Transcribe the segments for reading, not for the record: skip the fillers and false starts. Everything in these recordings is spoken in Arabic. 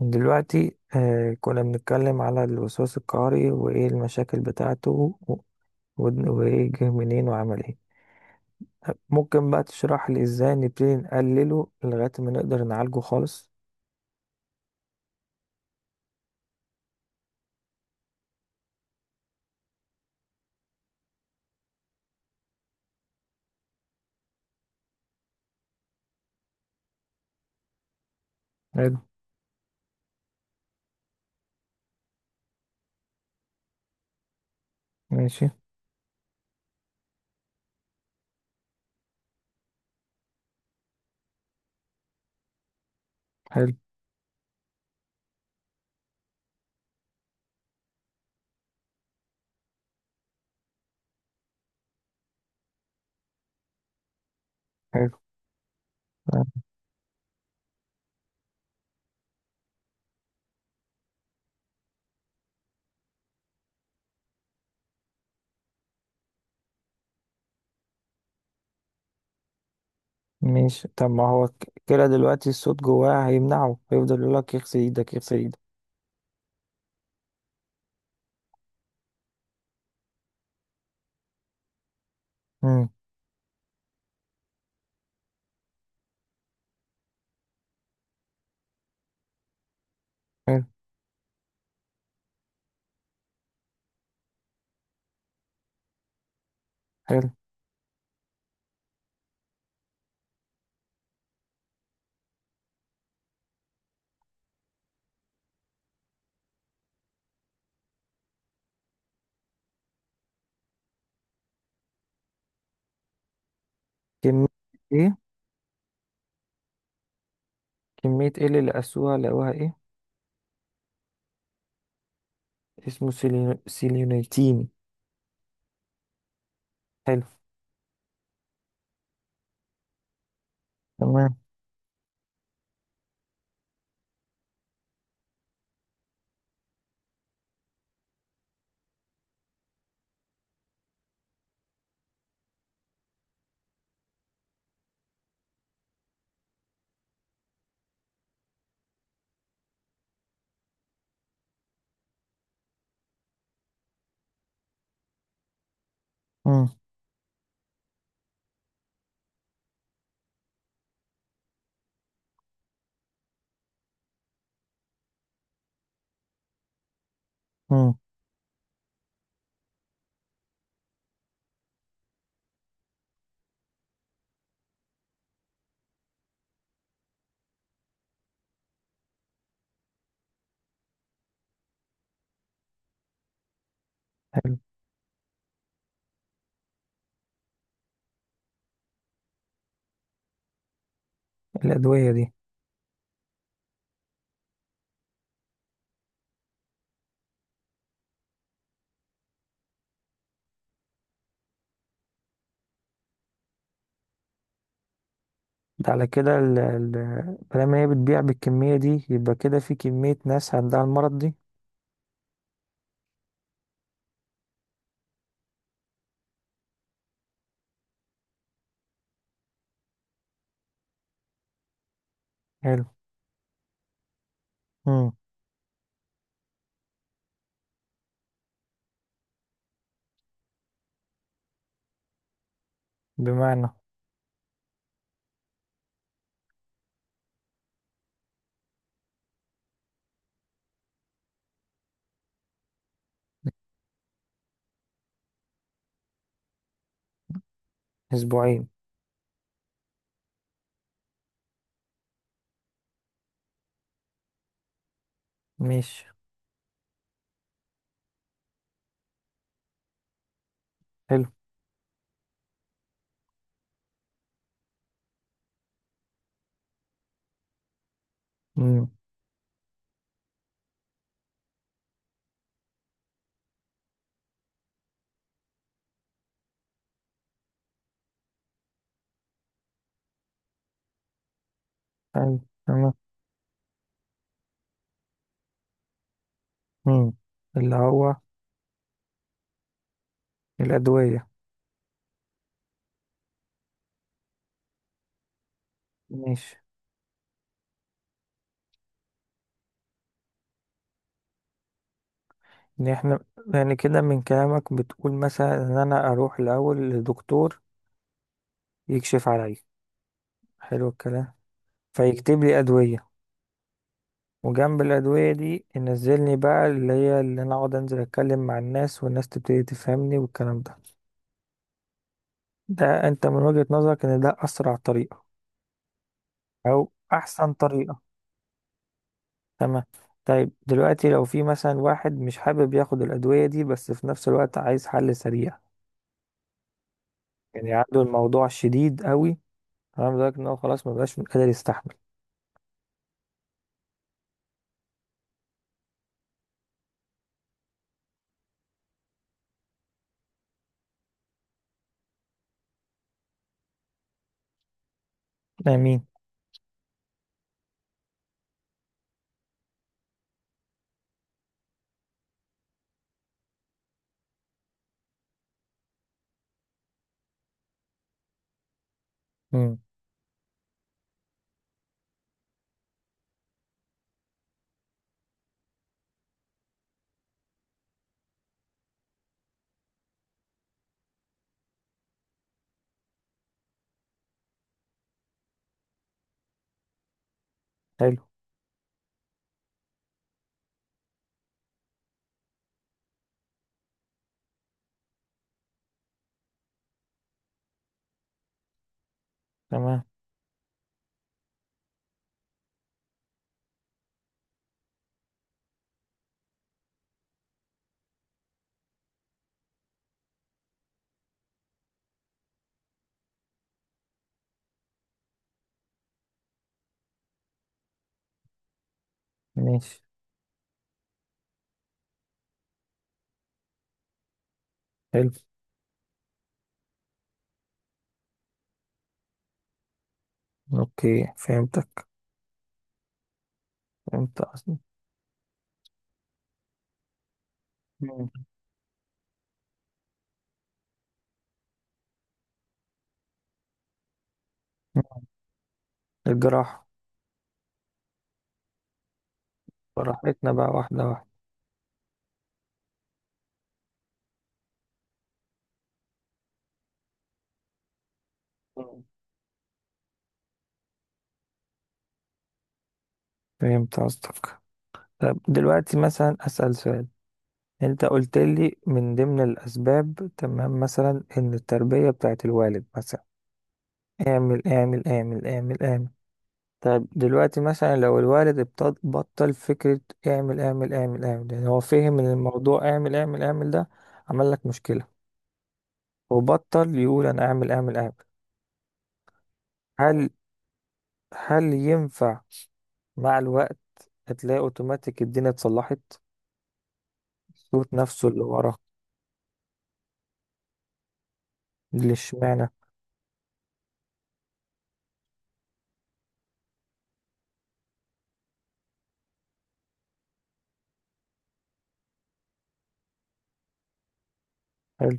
دلوقتي كنا بنتكلم على الوسواس القهري وإيه المشاكل بتاعته وإيه جه منين وعمل إيه. ممكن بقى تشرح لي إزاي نبتدي نقلله لغاية ما نقدر نعالجه خالص؟ حلو. ماشي. حلو. حلو. آه. ماشي. طب ما هو كده دلوقتي الصوت جواه هيمنعه، هيفضل يقول لك يغسل إيدك يغسل إيدك. مم. حلو. حلو. كمية. إيه. كمية إيه اللي لقوها إيه؟ اسمه سيلينيتين. حلو. تمام. مم. مم. الأدوية دي؟ ده على كده مادام هي بتبيع بالكمية دي يبقى كده في كمية ناس عندها المرض دي. حلو. مم. بمعنى؟ أسبوعين؟ ماشي. حلو. مم. حلو. تمام. مم. اللي هو. الأدوية. ماشي. يعني احنا. يعني كده من كلامك بتقول مثلا إن أنا أروح الأول لدكتور يكشف عليا. حلو الكلام. فيكتب لي أدوية، وجنب الأدوية دي ينزلني بقى اللي هي اللي أنا أقعد أنزل أتكلم مع الناس والناس تبتدي تفهمني والكلام ده. ده أنت من وجهة نظرك إن ده أسرع طريقة، أو أحسن طريقة. تمام. طيب دلوقتي لو في مثلا واحد مش حابب ياخد الأدوية دي بس في نفس الوقت عايز حل سريع، يعني عنده الموضوع شديد قوي، تمام، لدرجة إن هو خلاص مبقاش قادر يستحمل. آمين. مم. حلو. تمام. ماشي. حلو. أوكي فهمتك. فهمت أصلا. مم. الجراحة. براحتنا بقى واحدة واحدة. مم. فهمت قصدك. طب دلوقتي مثلا أسأل سؤال. أنت قلت لي من ضمن الأسباب، تمام، مثلا إن التربية بتاعت الوالد مثلا اعمل اعمل اعمل اعمل اعمل. طب دلوقتي مثلا لو الوالد بطل فكرة اعمل اعمل اعمل اعمل، يعني هو فهم إن الموضوع اعمل اعمل اعمل ده عمل لك مشكلة، وبطل يقول أنا اعمل اعمل اعمل. هل هل ينفع مع الوقت، هتلاقي أوتوماتيك الدنيا اتصلحت، صوت نفسه اللي ورا؟ اللي اشمعنى. حلو.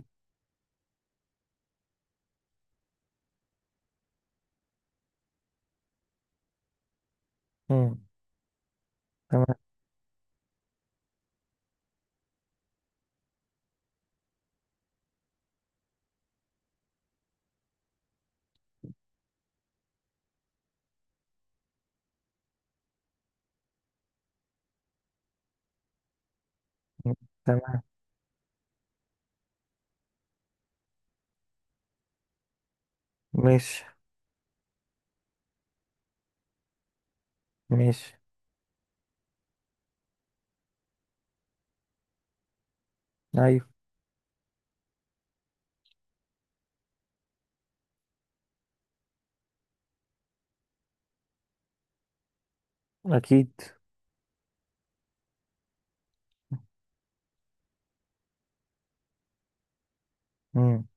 مم. تمام. تمام. ماشي. ماشي. ايوه. اكيد. مم.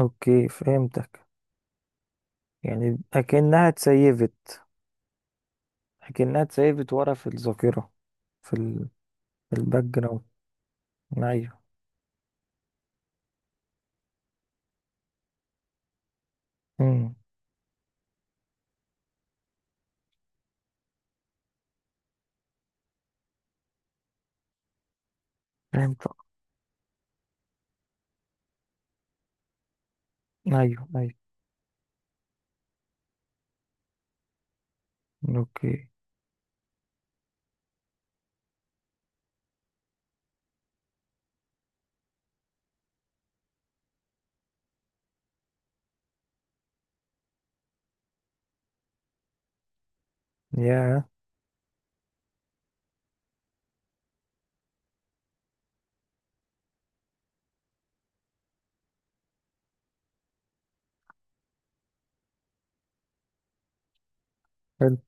اوكي فهمتك. يعني اكنها اتسيفت. اكنها اتسيفت ورا في الذاكره، في ال... في الباك جراوند. ايوه. مم. فهمت. ايوه ايوه. اوكي. يا حلو.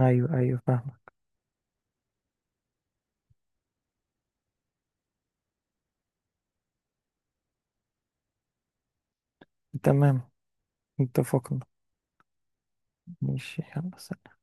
ايوه ايوه فاهمك. تمام. اتفقنا. ماشي، يلا سلام.